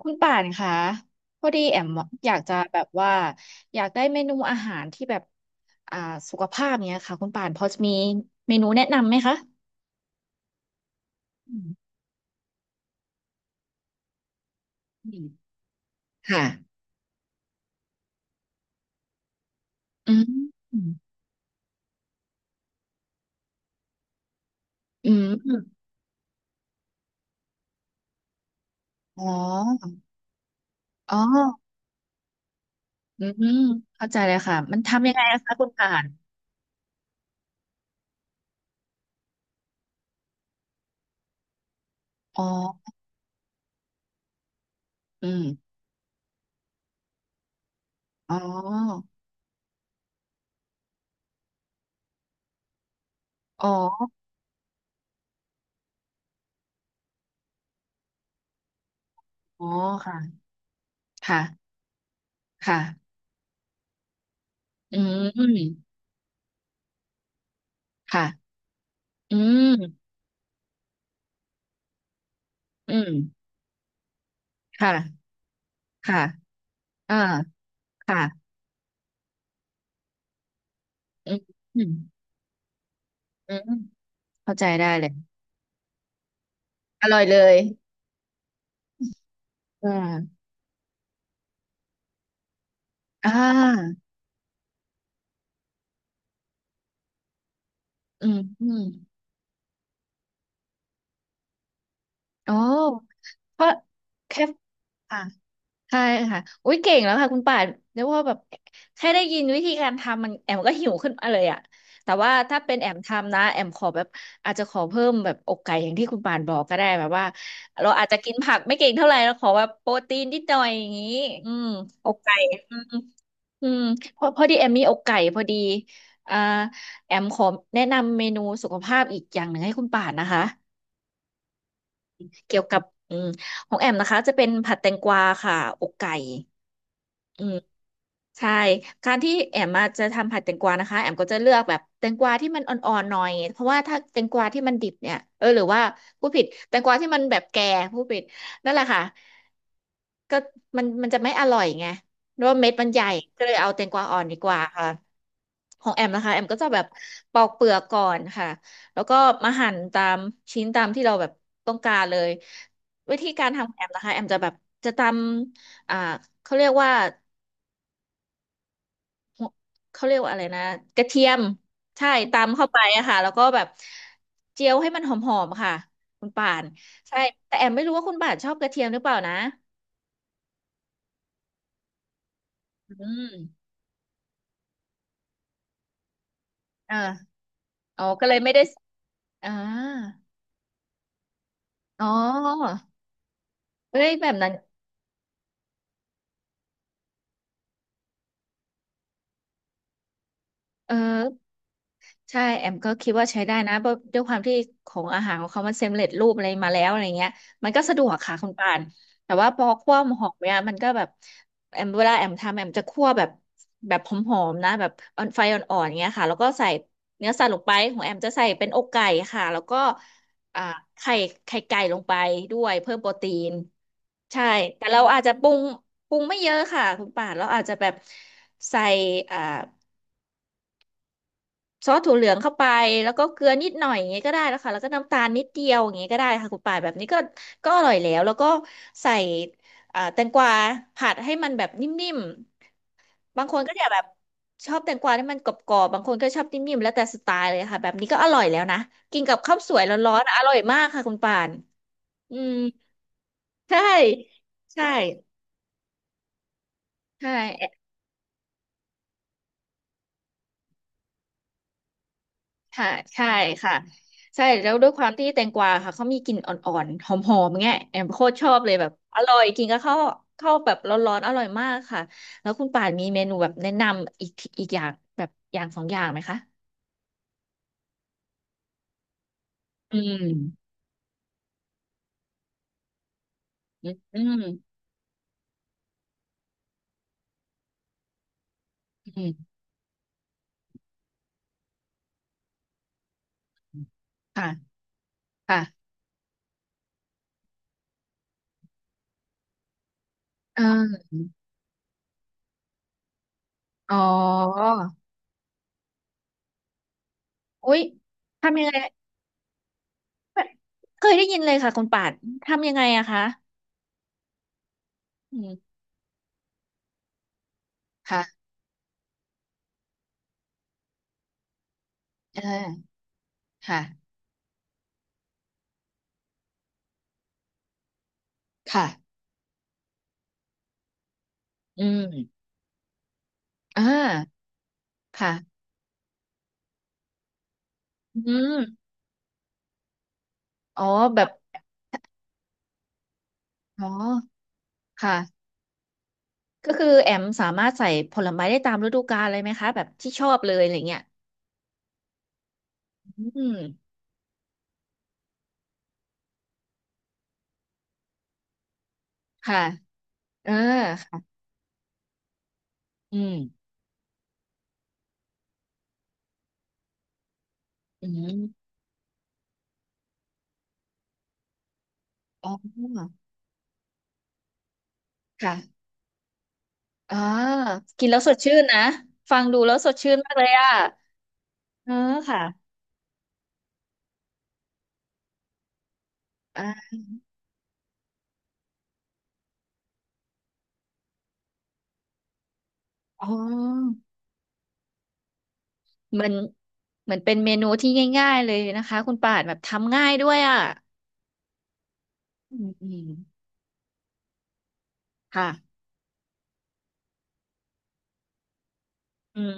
คุณป่านคะพอดีแอมอยากจะแบบว่าอยากได้เมนูอาหารที่แบบอ่าสุขภาพเนี้ยค่ะคุณป่านพอจะมีเมนูแนะนำไหมคะอืมอืมค่ะอืมอืมอ๋ออ๋ออืมเข้าใจเลยค่ะมันทำยังไงนะคะคุณป่านอ๋ออืมอ๋ออ๋ออ๋อค่ะค่ะค่ะอืมค่ะอืมอืมค่ะค่ะอ่าค่ะ อืมอืมอืมเข้าใจได้เลยอร่อยเลยอ่าอ่าอืมอืมโอ้เพราะแค่อ่าใช่ค่ะอุ้ยเก่งแล้วค่ะคุณป่านเรียกว่าแบบแค่ได้ยินวิธีการทำมันแอมก็หิวขึ้นมาเลยอ่ะแต่ว่าถ้าเป็นแอมทำนะแอมขอแบบอาจจะขอเพิ่มแบบอกไก่อย่างที่คุณป่านบอกก็ได้แบบว่าเราอาจจะกินผักไม่เก่งเท่าไหร่เราขอแบบโปรตีนนิดหน่อยอย่างนี้อืมอกไก่ อืมพอพอดีแอมมีอกไก่พอดีอ่าแอมขอแนะนำเมนูสุขภาพอีกอย่างหนึ่งให้คุณป่านนะคะ เกี่ยวกับอืมของแอมนะคะจะเป็นผัดแตงกวาค่ะอกไก่อืม ใช่การที่แอมมาจะทำผัดแตงกวานะคะแอมก็จะเลือกแบบแตงกวาที่มันอ่อนๆหน่อยเพราะว่าถ้าแตงกวาที่มันดิบเนี่ยเออหรือว่าผู้ผิดแตงกวาที่มันแบบแก่ผู้ผิดนั่นแหละค่ะก็มันจะไม่อร่อยไงเพราะว่าเม็ดมันใหญ่ก็เลยเอาแตงกวาอ่อนดีกว่าค่ะของแอมนะคะแอมก็จะแบบปอกเปลือกก่อนค่ะแล้วก็มาหั่นตามชิ้นตามที่เราแบบต้องการเลยวิธีการทำของแอมนะคะแอมจะแบบจะตำเขาเรียกว่า หัวเขาเรียกว่าอะไรนะกระเทียมใช่ตำเข้าไปอะค่ะแล้วก็แบบเจียวให้มันหอมๆค่ะคุณป่านใช่แต่แอมไม่รู้ว่าคุณป่านชอบกระเทียมหรือเปล่านะอืมเอออ๋อก็เลยไม่ได้อ่าอ๋อเอ้ยแบบนั้นเออ ใช่แอมก็คิดว่าใช้ได้นะเพราะด้วยความที่ของอาหารของเขามันเซมเล็ตรูปอะไรมาแล้วอะไรเงี้ยมันก็สะดวกค่ะคุณปานแต่ว่าพอคั่วหอมเนี่ยมันก็แบบแอมเวลาแอมทำแอมจะคั่วแบบแบบหอมๆนะแบบออนไฟอ่อนๆเงี้ยค่ะแล้วก็ใส่เนื้อสัตว์ลงไปของแอมจะใส่เป็นอกไก่ค่ะแล้วก็อ่าไข่ไข่ไก่ลงไปด้วยเพิ่มโปรตีนใช่แต่เราอาจจะปรุงปรุงไม่เยอะค่ะคุณป่านเราอาจจะแบบใส่อ่า ซอสถั่วเหลืองเข้าไปแล้วก็เกลือนิดหน่อยอย่างเงี้ยก็ได้แล้วค่ะแล้วก็น้ำตาลนิดเดียวอย่างเงี้ยก็ได้ค่ะคุณป่านแบบนี้ก็ก็อร่อยแล้วแล้วก็ใส่แตงกวาผัดให้มันแบบนิ่มๆบางคนก็จะแบบชอบแตงกวาที่มันกรอบๆบางคนก็ชอบนิ่มๆแล้วแต่สไตล์เลยค่ะแบบนี้ก็อร่อยแล้วนะกินกับข้าวสวยร้อนๆอร่อยมากค่ะคุณป่านอืมใช่ใช่ใช่ ค่ะใช่ค่ะใช่แล้วด้วยความที่แตงกวาค่ะเขามีกลิ่นอ่อนๆหอมๆเงี้ยแอมโคตรชอบเลยแบบอร่อยกินก็เข้าวข้าวแบบร้อนๆอร่อยมากค่ะแล้วคุณป่านมีเมนูแบบแนะนำอีกอีกอย่างแบบอย่างสองอย่างไหมคะอืมอืมอืมอืมค่ะค่ะเอออ๋ออุ๊ยทำยังไงเคยได้ยินเลยค่ะคุณป่านทำยังไงอะคะอืมค่ะเออค่ะค่ะอืมอ่าค่ะ อืมอ๋อแบบอ๋อค่ะก็คือแอมสามารถใส่ผลไม้ได้ตามฤดูกาลเลยไหมคะแบบที่ชอบเลยอะไรเงี้ยอืมค่ะเออค่ะอืมอืมอ๋อค่ะอ่ากินแล้วสดชื่นนะฟังดูแล้วสดชื่นมากเลยอ่ะเออค่ะอ่าอ๋อเหมือนเหมือนเป็นเมนูที่ง่ายๆเลยนะคะคุณป่านแบบทำง่ายด้วยอ่ะอืมอืมค่ะอืม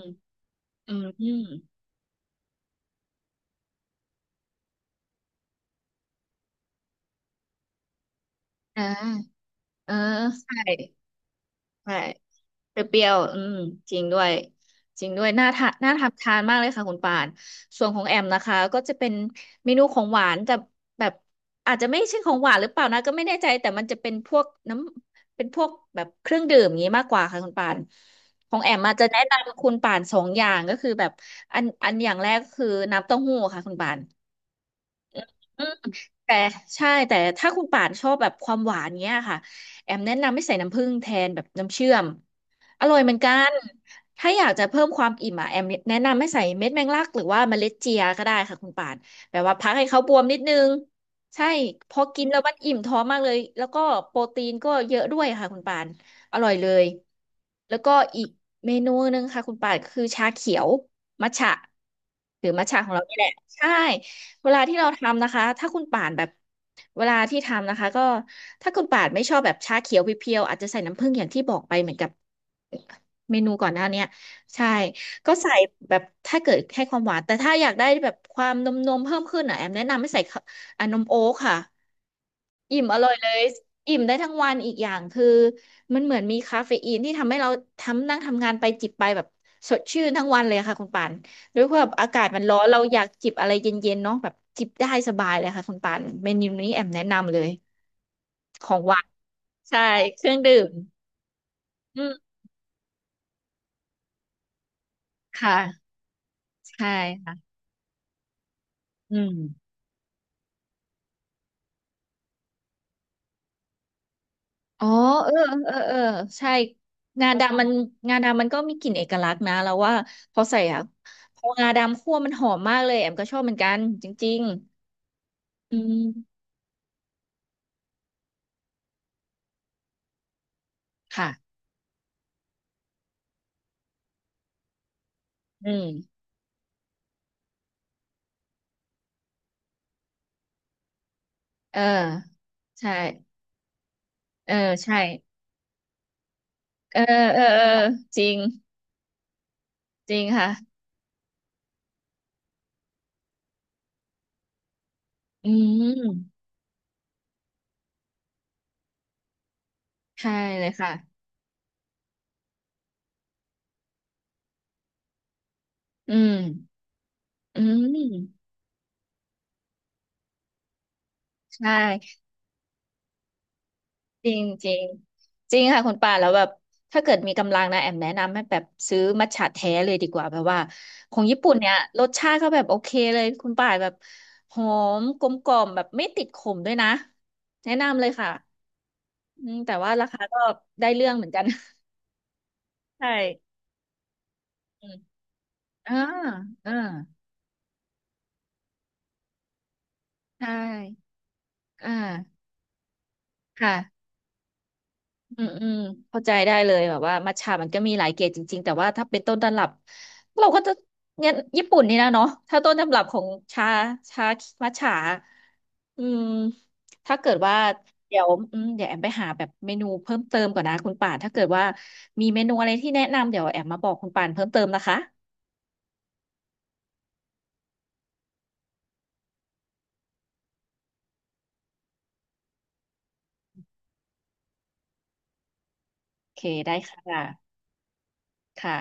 อืมอืมอ่าเออใช่ ใช่เปรี้ยวๆอืมจริงด้วยจริงด้วยน่าทานน่าทำทานมากเลยค่ะคุณป่านส่วนของแอมนะคะก็จะเป็นเมนูของหวานแต่แบบอาจจะไม่ใช่ของหวานหรือเปล่านะก็ไม่แน่ใจแต่มันจะเป็นพวกน้ำเป็นพวกแบบเครื่องดื่มอย่างนี้มากกว่าค่ะคุณป่านของแอมอาจจะแนะนำคุณป่านสองอย่างก็คือแบบอันอย่างแรกก็คือน้ำเต้าหู้ค่ะคุณป่าน แต่ใช่แต่ถ้าคุณป่านชอบแบบความหวานเนี้ยค่ะแอมแนะนำไม่ใส่น้ำผึ้งแทนแบบน้ำเชื่อมอร่อยเหมือนกันถ้าอยากจะเพิ่มความอิ่มอ่ะแอมแนะนำให้ใส่เม็ดแมงลักหรือว่าเมล็ดเจียก็ได้ค่ะคุณป่านแบบว่าพักให้เขาบวมนิดนึงใช่พอกินแล้วมันอิ่มท้องมากเลยแล้วก็โปรตีนก็เยอะด้วยค่ะคุณป่านอร่อยเลยแล้วก็อีกเมนูหนึงค่ะคุณป่านคือชาเขียวมัทฉะหรือมัทฉะของเรานี่แหละใช่ เวลาที่เราทำนะคะ ถ้าคุณป่านแบบเวลาที่ทำนะคะก็ถ้าคุณป่านไม่ชอบแบบชาเขียวเพียวๆอาจจะใส่น้ำผึ้งอย่างที่บอกไปเหมือนกับเมนูก่อนหน้าเนี้ยใช่ก็ใส่แบบถ้าเกิดให้ความหวานแต่ถ้าอยากได้แบบความนมเพิ่มขึ้นอ่ะแอมแนะนำให้ใส่ข้าวอ่ะนมโอ๊ตค่ะ อิ่มอร่อยเลยอิ่มได้ทั้งวันอีกอย่างคือมันเหมือนมีคาเฟอีนที่ทำให้เราทำนั่งทำงานไปจิบไปแบบสดชื่นทั้งวันเลยค่ะคุณปานด้วยความอากาศมันร้อนเราอยากจิบอะไรเย็นๆเนาะแบบจิบได้สบายเลยค่ะคุณปานเมนูนี้แอมแนะนำเลยของหวานใช่เครื่องดื่มอืมค่ะใช่ค่ะอืม อ๋อเออเออเออใช่งาดำมันงาดำมันก็มีกลิ่นเอกลักษณ์นะเราว่าพอใส่อะพองาดำคั่วมันหอมมากเลยแอมก็ชอบเหมือนกันจริงๆอืมค่ะอืมเออใช่เออใช่เออเออเออจริงจริงค่ะอืมใช่เลยค่ะอืมอืมใช่ จริงจริงจริงค่ะคุณป่าแล้วแบบถ้าเกิดมีกำลังนะแอมแนะนำให้แบบซื้อมัทฉะแท้เลยดีกว่าแบบว่าของญี่ปุ่นเนี่ยรสชาติเขาแบบโอเคเลยคุณป่าแบบหอมกลมกล่อมแบบไม่ติดขมด้วยนะแนะนำเลยค่ะอืมแต่ว่าราคาก็ได้เรื่องเหมือนกัน ใช่อืมอ่าอ่าใช่อ่าค่ะ อืมอืมเข้าใจได้เลยแบบว่ามัทฉะมันก็มีหลายเกรดจริงๆแต่ว่าถ้าเป็นต้นตำรับเราก็จะเนี่ยญี่ปุ่นนี่นะเนาะถ้าต้นตำรับของชาชามัทฉะอืมถ้าเกิดว่าเดี๋ยวเดี๋ยวแอมไปหาแบบเมนูเพิ่มเติมก่อนนะคุณป่านถ้าเกิดว่ามีเมนูอะไรที่แนะนำเดี๋ยวแอมมาบอกคุณป่านเพิ่มเติมนะคะโอเคได้ค่ะค่ะ